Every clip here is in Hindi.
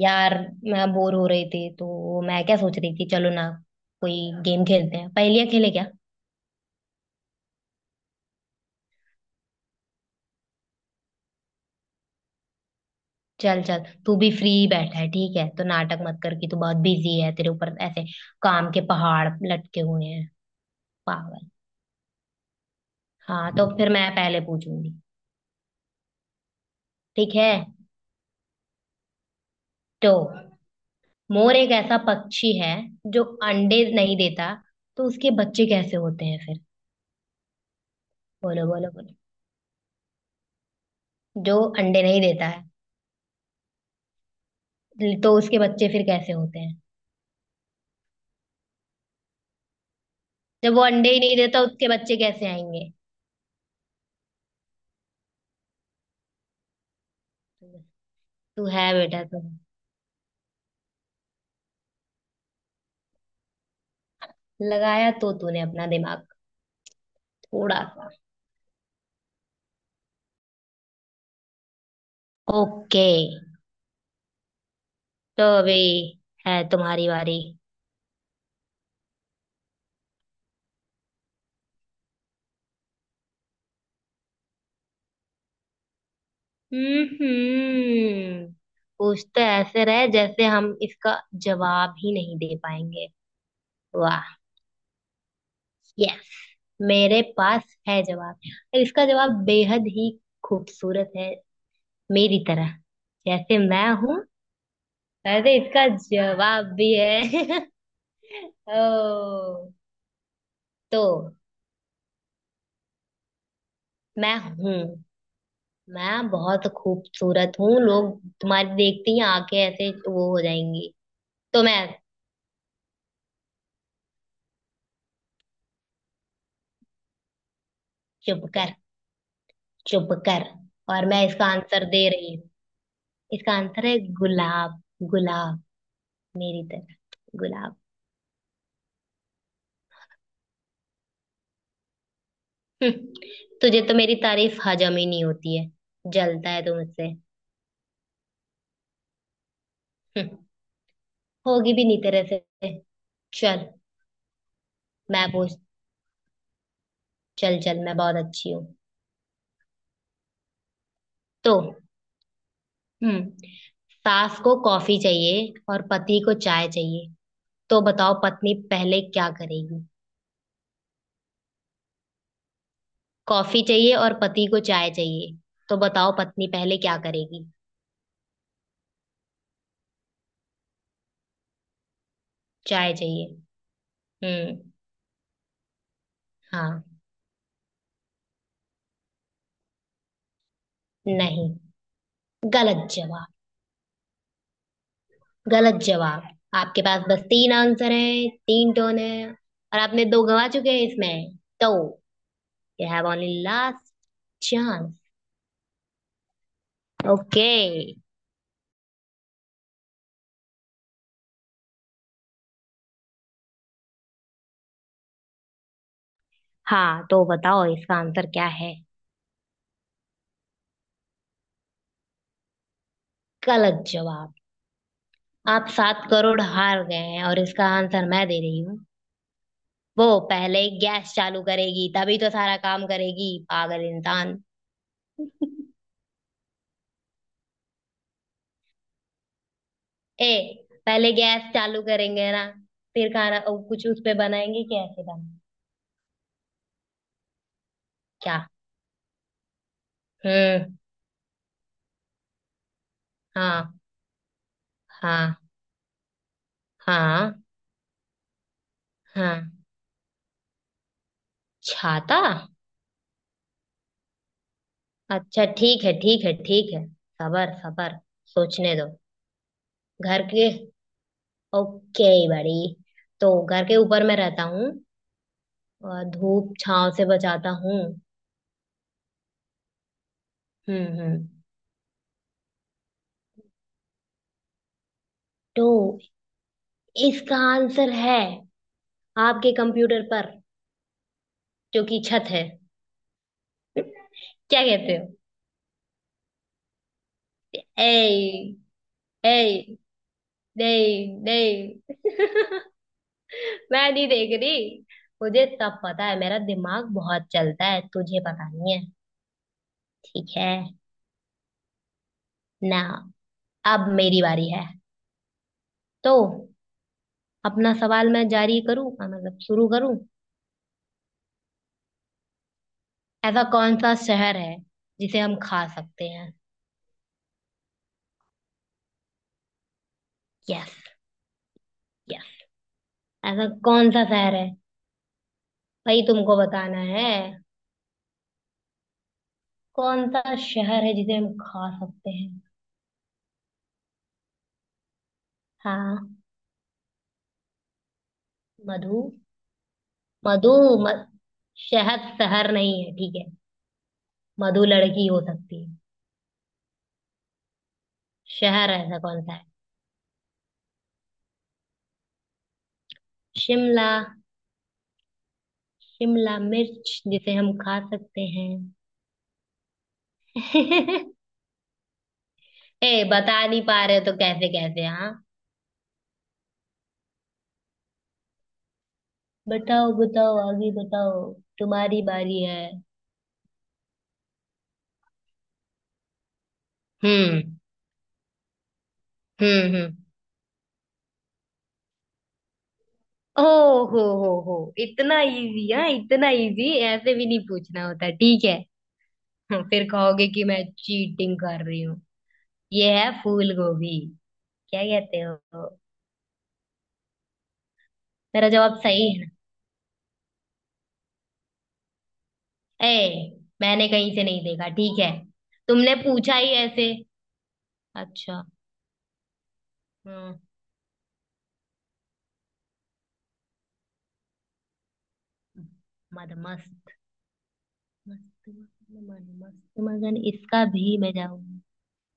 यार, मैं बोर हो रही थी, तो मैं क्या सोच रही थी, चलो ना, कोई गेम खेलते हैं, पहेलियां खेले क्या। चल चल, तू भी फ्री बैठा है। ठीक है, तो नाटक मत कर कि तू बहुत बिजी है, तेरे ऊपर ऐसे काम के पहाड़ लटके हुए हैं। पागल। हाँ, तो फिर मैं पहले पूछूंगी। ठीक है, तो मोर एक ऐसा पक्षी है जो अंडे नहीं देता, तो उसके बच्चे कैसे होते हैं फिर? बोलो बोलो बोलो। जो अंडे नहीं देता है, तो उसके बच्चे फिर कैसे होते हैं? जब वो अंडे ही नहीं देता, उसके बच्चे कैसे आएंगे? तू है बेटा, तू लगाया तो तूने अपना दिमाग थोड़ा सा। ओके। तो अभी है तुम्हारी बारी। हम्म कुछ तो ऐसे रहे जैसे हम इसका जवाब ही नहीं दे पाएंगे। वाह। यस, मेरे पास है जवाब, और इसका जवाब बेहद ही खूबसूरत है, मेरी तरह। जैसे मैं हूं वैसे इसका जवाब भी है। ओ। तो मैं हूं, मैं बहुत खूबसूरत हूँ, लोग तुम्हारी देखते ही आंखें ऐसे वो हो जाएंगी। तो मैं। चुप कर, चुप कर, और मैं इसका आंसर दे रही हूँ। इसका आंसर है गुलाब। गुलाब, मेरी तरह। गुलाब। हम्म, तुझे तो मेरी तारीफ हजम ही नहीं होती है, जलता है तू मुझसे। हम्म, होगी भी नहीं तेरे से। चल, मैं पूछ चल चल, मैं बहुत अच्छी हूँ। तो। हम्म सास को कॉफी चाहिए और पति को चाय चाहिए, तो बताओ पत्नी पहले क्या करेगी? कॉफी चाहिए और पति को चाय चाहिए, तो बताओ पत्नी पहले क्या करेगी? चाय चाहिए। हम्म। हाँ। नहीं। गलत जवाब। गलत जवाब। आपके पास बस तीन आंसर है, तीन टोन है, और आपने दो गवा चुके हैं इसमें तो। You have only last chance. Okay. हाँ, तो बताओ इसका आंसर क्या है? गलत जवाब। आप सात करोड़ हार गए हैं, और इसका आंसर मैं दे रही हूँ। वो पहले गैस चालू करेगी, तभी तो सारा काम करेगी, पागल इंसान। ए, पहले गैस चालू करेंगे ना, फिर खाना कुछ उस पे बनाएंगे, कैसे बन। क्या? हम्म। हाँ, हाँ, हाँ, हाँ, छाता। अच्छा, ठीक है, ठीक है, ठीक है। सबर, सबर, सोचने दो। घर के ओके, बड़ी। तो घर के ऊपर मैं रहता हूँ, और धूप छांव से बचाता हूँ। हम्म, हम्म। तो इसका आंसर है, आपके कंप्यूटर पर जो कि छत है। क्या कहते हो? ए, ए, नहीं नहीं, मैं नहीं देख रही, मुझे सब पता है, मेरा दिमाग बहुत चलता है, तुझे पता नहीं है। ठीक है। ना, अब मेरी बारी है। तो अपना सवाल मैं जारी करूं, मतलब शुरू करूं। ऐसा कौन सा शहर है जिसे हम खा सकते हैं? Yes, yes. ऐसा कौन सा शहर है, भाई, तुमको बताना है, कौन सा शहर है जिसे हम खा सकते हैं? हाँ। मधु। मधु। म, शहद शहर नहीं है, ठीक है, मधु लड़की हो सकती है। शहर ऐसा कौन सा है? शिमला। शिमला मिर्च, जिसे हम खा सकते हैं। ए, बता नहीं पा रहे तो कैसे कैसे, हाँ। बताओ बताओ, आगे बताओ, तुम्हारी बारी है। हम्म, हम्म, हम्म। ओ हो, इतना इजी, हाँ, इतना इजी ऐसे भी नहीं पूछना होता, ठीक है। फिर कहोगे कि मैं चीटिंग कर रही हूँ। ये है फूल गोभी। क्या कहते हो? मेरा जवाब सही है ना? ए, मैंने कहीं से नहीं देखा, ठीक है, तुमने पूछा ही ऐसे। अच्छा। हम्म मद मस्त। मस्त मगन, मन मस्त मगन, इसका भी मैं जाऊं।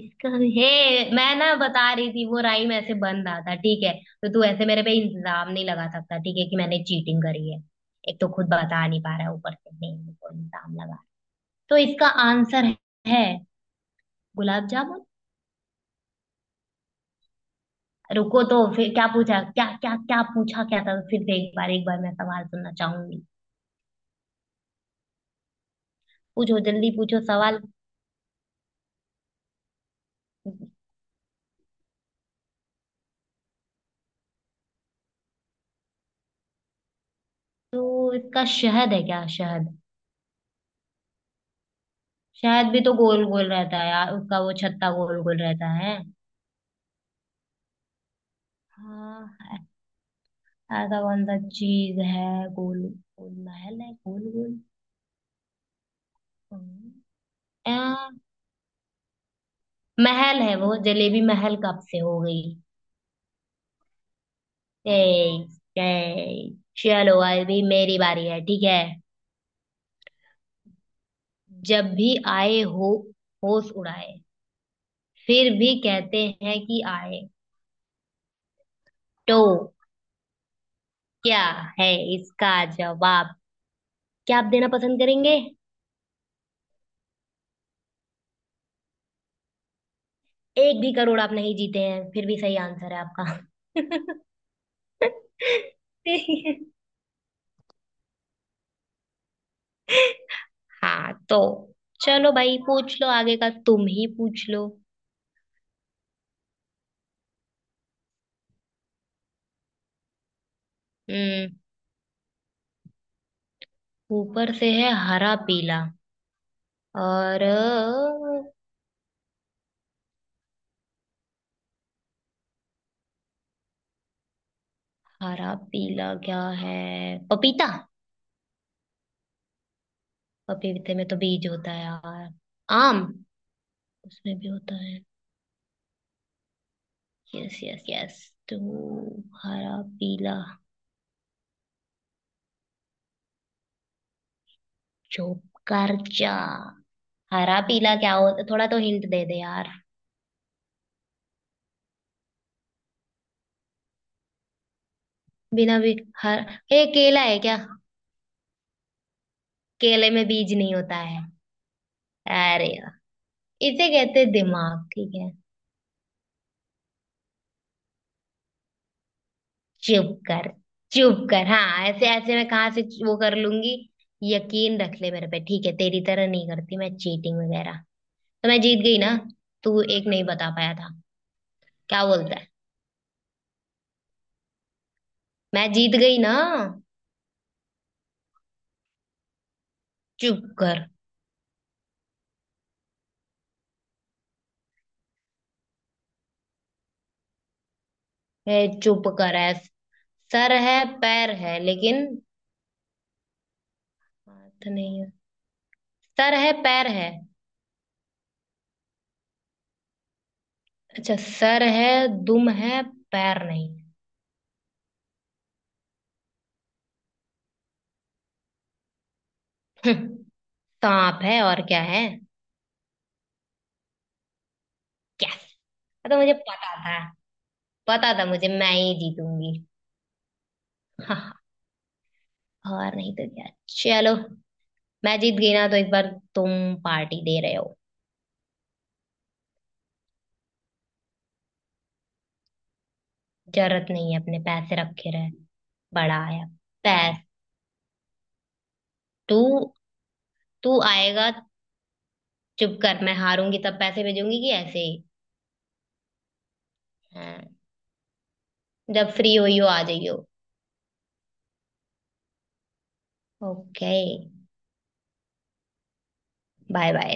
इसका भी हे, मैं ना बता रही थी, वो राइम ऐसे बन रहा था, ठीक है। तो तू ऐसे मेरे पे इल्जाम नहीं लगा सकता, ठीक है, कि मैंने चीटिंग करी है। एक तो खुद बता नहीं पा रहा है, ऊपर से नहीं, मेरे को इल्जाम लगा। तो इसका आंसर है गुलाब जामुन। रुको, तो फिर क्या पूछा, क्या क्या क्या पूछा, क्या था फिर से? एक बार, एक बार मैं सवाल सुनना चाहूंगी। पूछो जल्दी, पूछो सवाल। तो इसका शहद है क्या, शहद? शहद भी तो गोल गोल रहता है यार, उसका वो छत्ता गोल गोल रहता है। हाँ, ऐसा कौन सा चीज है, गोल गोल महल है, गोल गोल। हम्म, आ, महल है, वो जलेबी महल कब से हो गई? ए, ए, चलो, अभी मेरी बारी है, ठीक है। जब भी आए हो, होश उड़ाए, फिर भी कहते हैं कि आए, तो क्या है इसका जवाब? क्या आप देना पसंद करेंगे? एक भी करोड़ आप नहीं जीते हैं, फिर भी सही आंसर है आपका। हाँ, तो चलो भाई, पूछ लो आगे का, तुम ही पूछ लो। हम्म। ऊपर से है हरा पीला, और हरा पीला क्या है? पपीता? पपीते में तो बीज होता है यार। आम। उसमें भी होता है। Yes, yes, yes. तो हरा पीला, जोकर जा, हरा पीला क्या होता, थोड़ा तो हिंट दे दे यार। बिना भी, हर, ए केला है क्या? केले में बीज नहीं होता है। अरे यार, इसे कहते हैं दिमाग, ठीक है। चुप कर, चुप कर, हाँ, ऐसे ऐसे मैं कहाँ से वो कर लूंगी, यकीन रख ले मेरे पे, ठीक है, तेरी तरह नहीं करती मैं चीटिंग वगैरह। तो मैं जीत गई ना, तू एक नहीं बता पाया था। क्या बोलता है? मैं जीत गई ना। चुप कर, है, चुप कर, है, सर है, पैर है, लेकिन हाथ नहीं है। सर है, पैर है। अच्छा, सर है, दुम है, पैर नहीं है। सांप है, और क्या है। यस। तो मुझे पता था, पता था मुझे, मैं ही जीतूंगी। हाँ, और नहीं तो क्या। चलो, मैं जीत गई ना, तो इस बार तुम पार्टी दे रहे हो? जरूरत नहीं है, अपने पैसे रखे रहे। बड़ा आया। पैस तू तू आएगा? चुप कर, मैं हारूंगी तब पैसे भेजूंगी, कि ऐसे ही। हाँ, जब फ्री हुई हो आ जाइयो। ओके। Bye bye.